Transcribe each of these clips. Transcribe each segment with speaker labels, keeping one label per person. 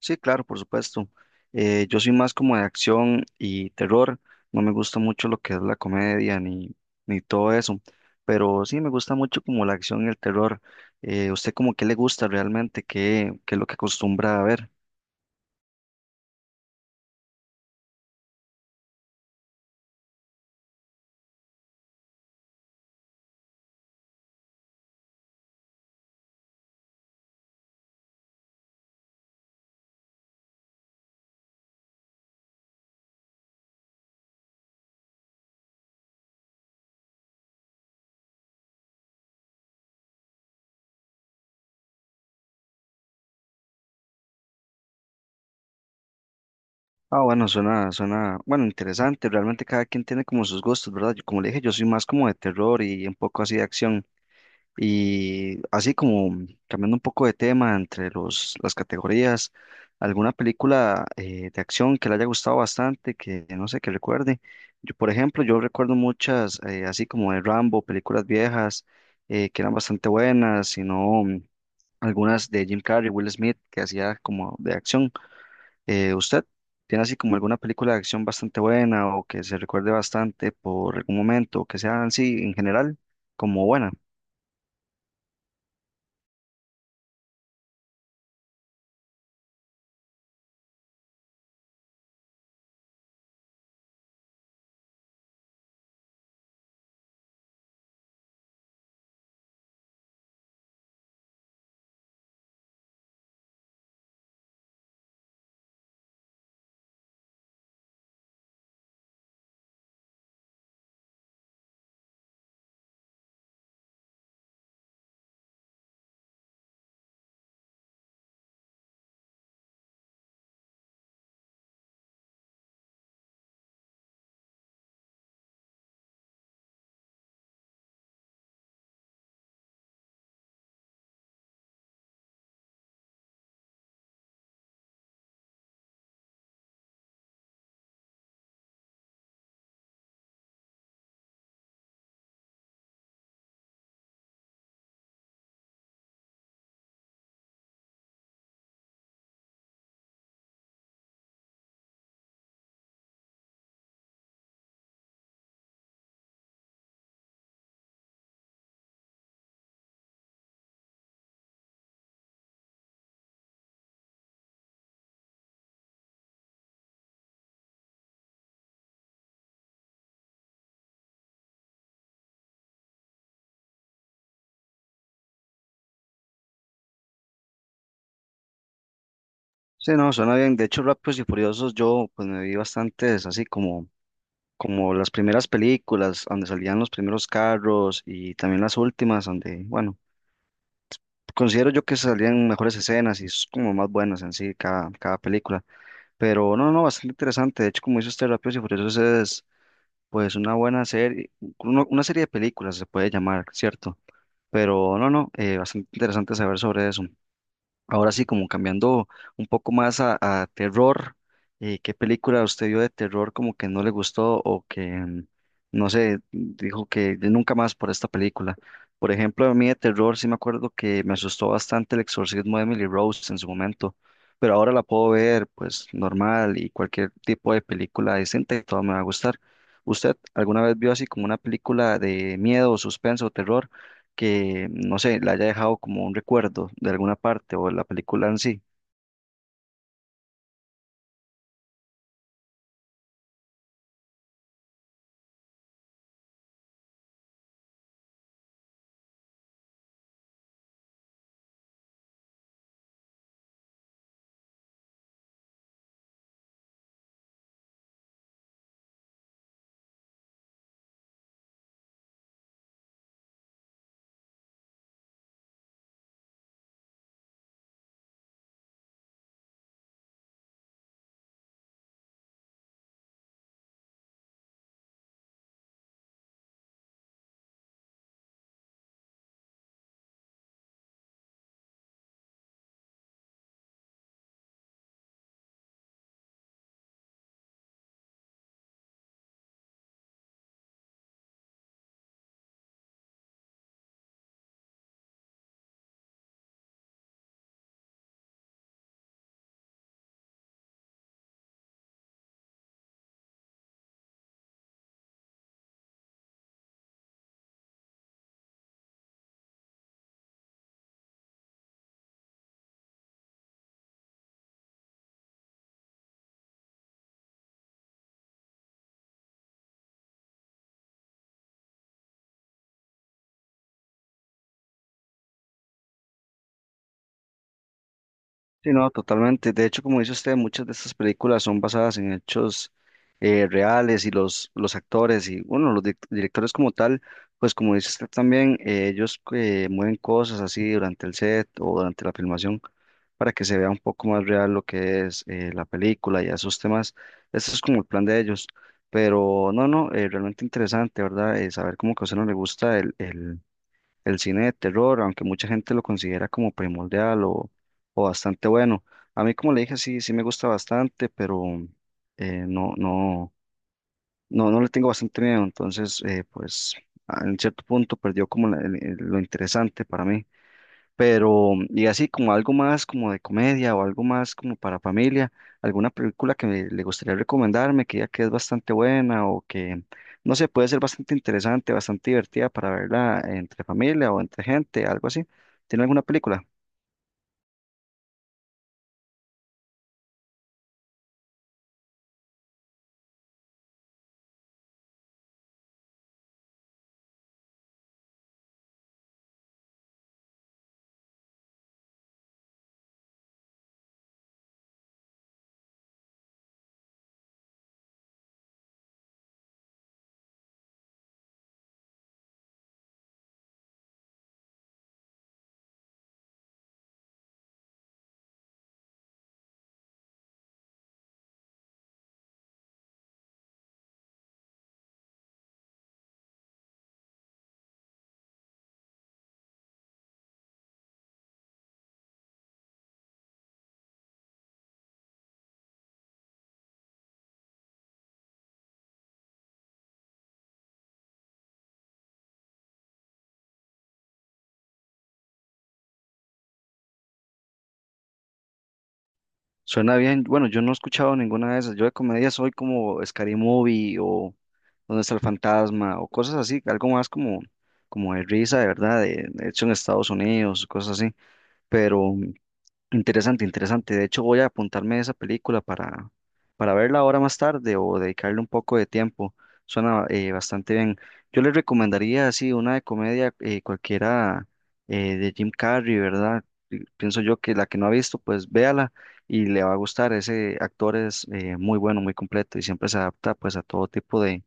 Speaker 1: Sí, claro, por supuesto. Yo soy más como de acción y terror. No me gusta mucho lo que es la comedia ni todo eso. Pero sí me gusta mucho como la acción y el terror. ¿Usted como qué le gusta realmente? ¿Qué es lo que acostumbra a ver? Ah, bueno, interesante. Realmente cada quien tiene como sus gustos, ¿verdad? Yo, como le dije, yo soy más como de terror y un poco así de acción. Y así como cambiando un poco de tema entre las categorías, alguna película de acción que le haya gustado bastante, que no sé, que recuerde. Yo, por ejemplo, yo recuerdo muchas, así como de Rambo, películas viejas que eran bastante buenas, sino algunas de Jim Carrey, Will Smith, que hacía como de acción. ¿Usted tiene así como alguna película de acción bastante buena o que se recuerde bastante por algún momento, que sean así en general como buenas? Sí, no, suena bien. De hecho, Rápidos y Furiosos, yo pues me vi bastantes, así como, como las primeras películas, donde salían los primeros carros y también las últimas, donde, bueno, considero yo que salían mejores escenas y es como más buenas en sí cada película. Pero no, no, bastante interesante. De hecho, como dice usted, Rápidos y Furiosos es pues una buena serie, una serie de películas se puede llamar, ¿cierto? Pero no, no, bastante interesante saber sobre eso. Ahora sí, como cambiando un poco más a terror, ¿qué película usted vio de terror como que no le gustó o que, no sé, dijo que de nunca más por esta película? Por ejemplo, a mí de terror sí me acuerdo que me asustó bastante El exorcismo de Emily Rose en su momento, pero ahora la puedo ver pues normal y cualquier tipo de película decente, todo me va a gustar. ¿Usted alguna vez vio así como una película de miedo, suspenso o terror, que, no sé, le haya dejado como un recuerdo de alguna parte o de la película en sí? Sí, no, totalmente. De hecho, como dice usted, muchas de estas películas son basadas en hechos reales y los actores y, bueno, los directores como tal, pues como dice usted también, ellos mueven cosas así durante el set o durante la filmación para que se vea un poco más real lo que es la película y esos temas. Ese es como el plan de ellos. Pero no, no, realmente interesante, ¿verdad? Saber cómo que a usted no le gusta el cine de terror, aunque mucha gente lo considera como primordial o bastante bueno. A mí, como le dije, sí, sí me gusta bastante, pero eh, no, no, no le tengo bastante miedo. Entonces, pues, en cierto punto perdió como lo interesante para mí. Pero, y así como algo más como de comedia o algo más como para familia, alguna película le gustaría recomendarme, que ya que es bastante buena o que, no sé, puede ser bastante interesante, bastante divertida para verla entre familia o entre gente, algo así. ¿Tiene alguna película? Suena bien. Bueno, yo no he escuchado ninguna de esas. Yo de comedia soy como Scary Movie o Dónde está el fantasma o cosas así, algo más como, como de risa, de verdad, de hecho en Estados Unidos, cosas así. Pero. Interesante, interesante. De hecho, voy a apuntarme esa película para verla ahora más tarde o dedicarle un poco de tiempo. Suena bastante bien. Yo les recomendaría así una de comedia cualquiera de Jim Carrey, ¿verdad? Y pienso yo que la que no ha visto, pues véala y le va a gustar. Ese actor es muy bueno, muy completo y siempre se adapta pues a todo tipo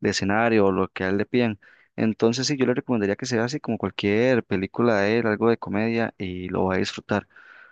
Speaker 1: de escenario o lo que a él le piden. Entonces, sí, yo le recomendaría que sea así como cualquier película de él, algo de comedia y lo va a disfrutar.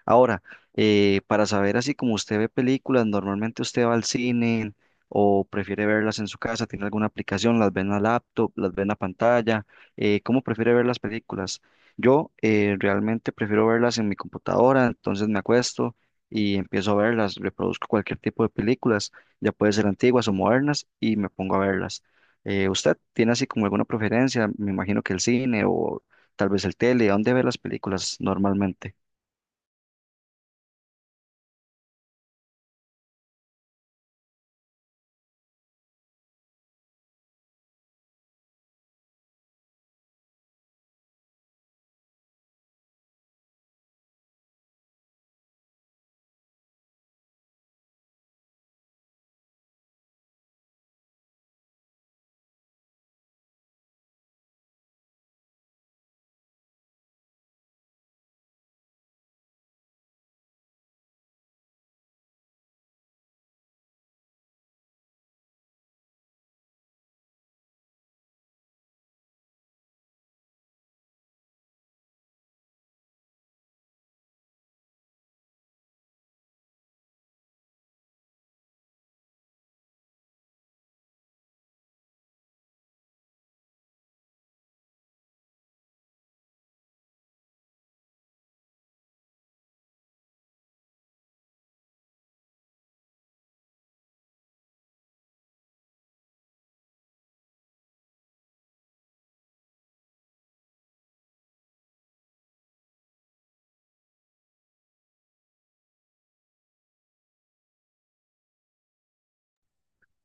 Speaker 1: Ahora, para saber así como usted ve películas, normalmente usted va al cine o prefiere verlas en su casa, tiene alguna aplicación, las ve en la laptop, las ve en la pantalla, ¿cómo prefiere ver las películas? Yo realmente prefiero verlas en mi computadora, entonces me acuesto y empiezo a verlas, reproduzco cualquier tipo de películas, ya puede ser antiguas o modernas y me pongo a verlas. ¿Usted tiene así como alguna preferencia? Me imagino que el cine o tal vez el tele, ¿a ¿dónde ve las películas normalmente?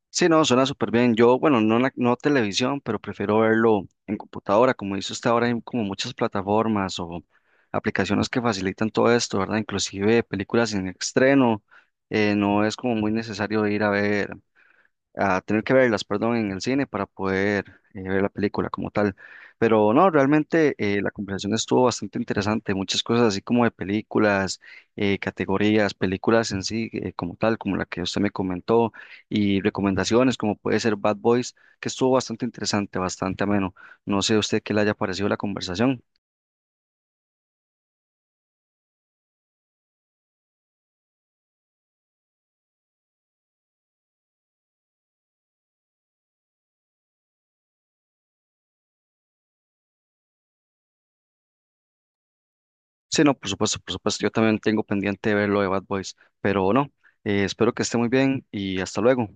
Speaker 1: Sí, no, suena súper bien. Yo, bueno, no, no televisión, pero prefiero verlo en computadora. Como dice usted, ahora hay como muchas plataformas o aplicaciones que facilitan todo esto, ¿verdad? Inclusive películas en estreno. No es como muy necesario ir a ver a tener que verlas, perdón, en el cine para poder ver la película como tal. Pero no, realmente la conversación estuvo bastante interesante, muchas cosas así como de películas, categorías, películas en sí como tal, como la que usted me comentó, y recomendaciones como puede ser Bad Boys, que estuvo bastante interesante, bastante ameno. No sé a usted qué le haya parecido la conversación. Sí, no, por supuesto, yo también tengo pendiente de ver lo de Bad Boys, pero no, espero que esté muy bien y hasta luego.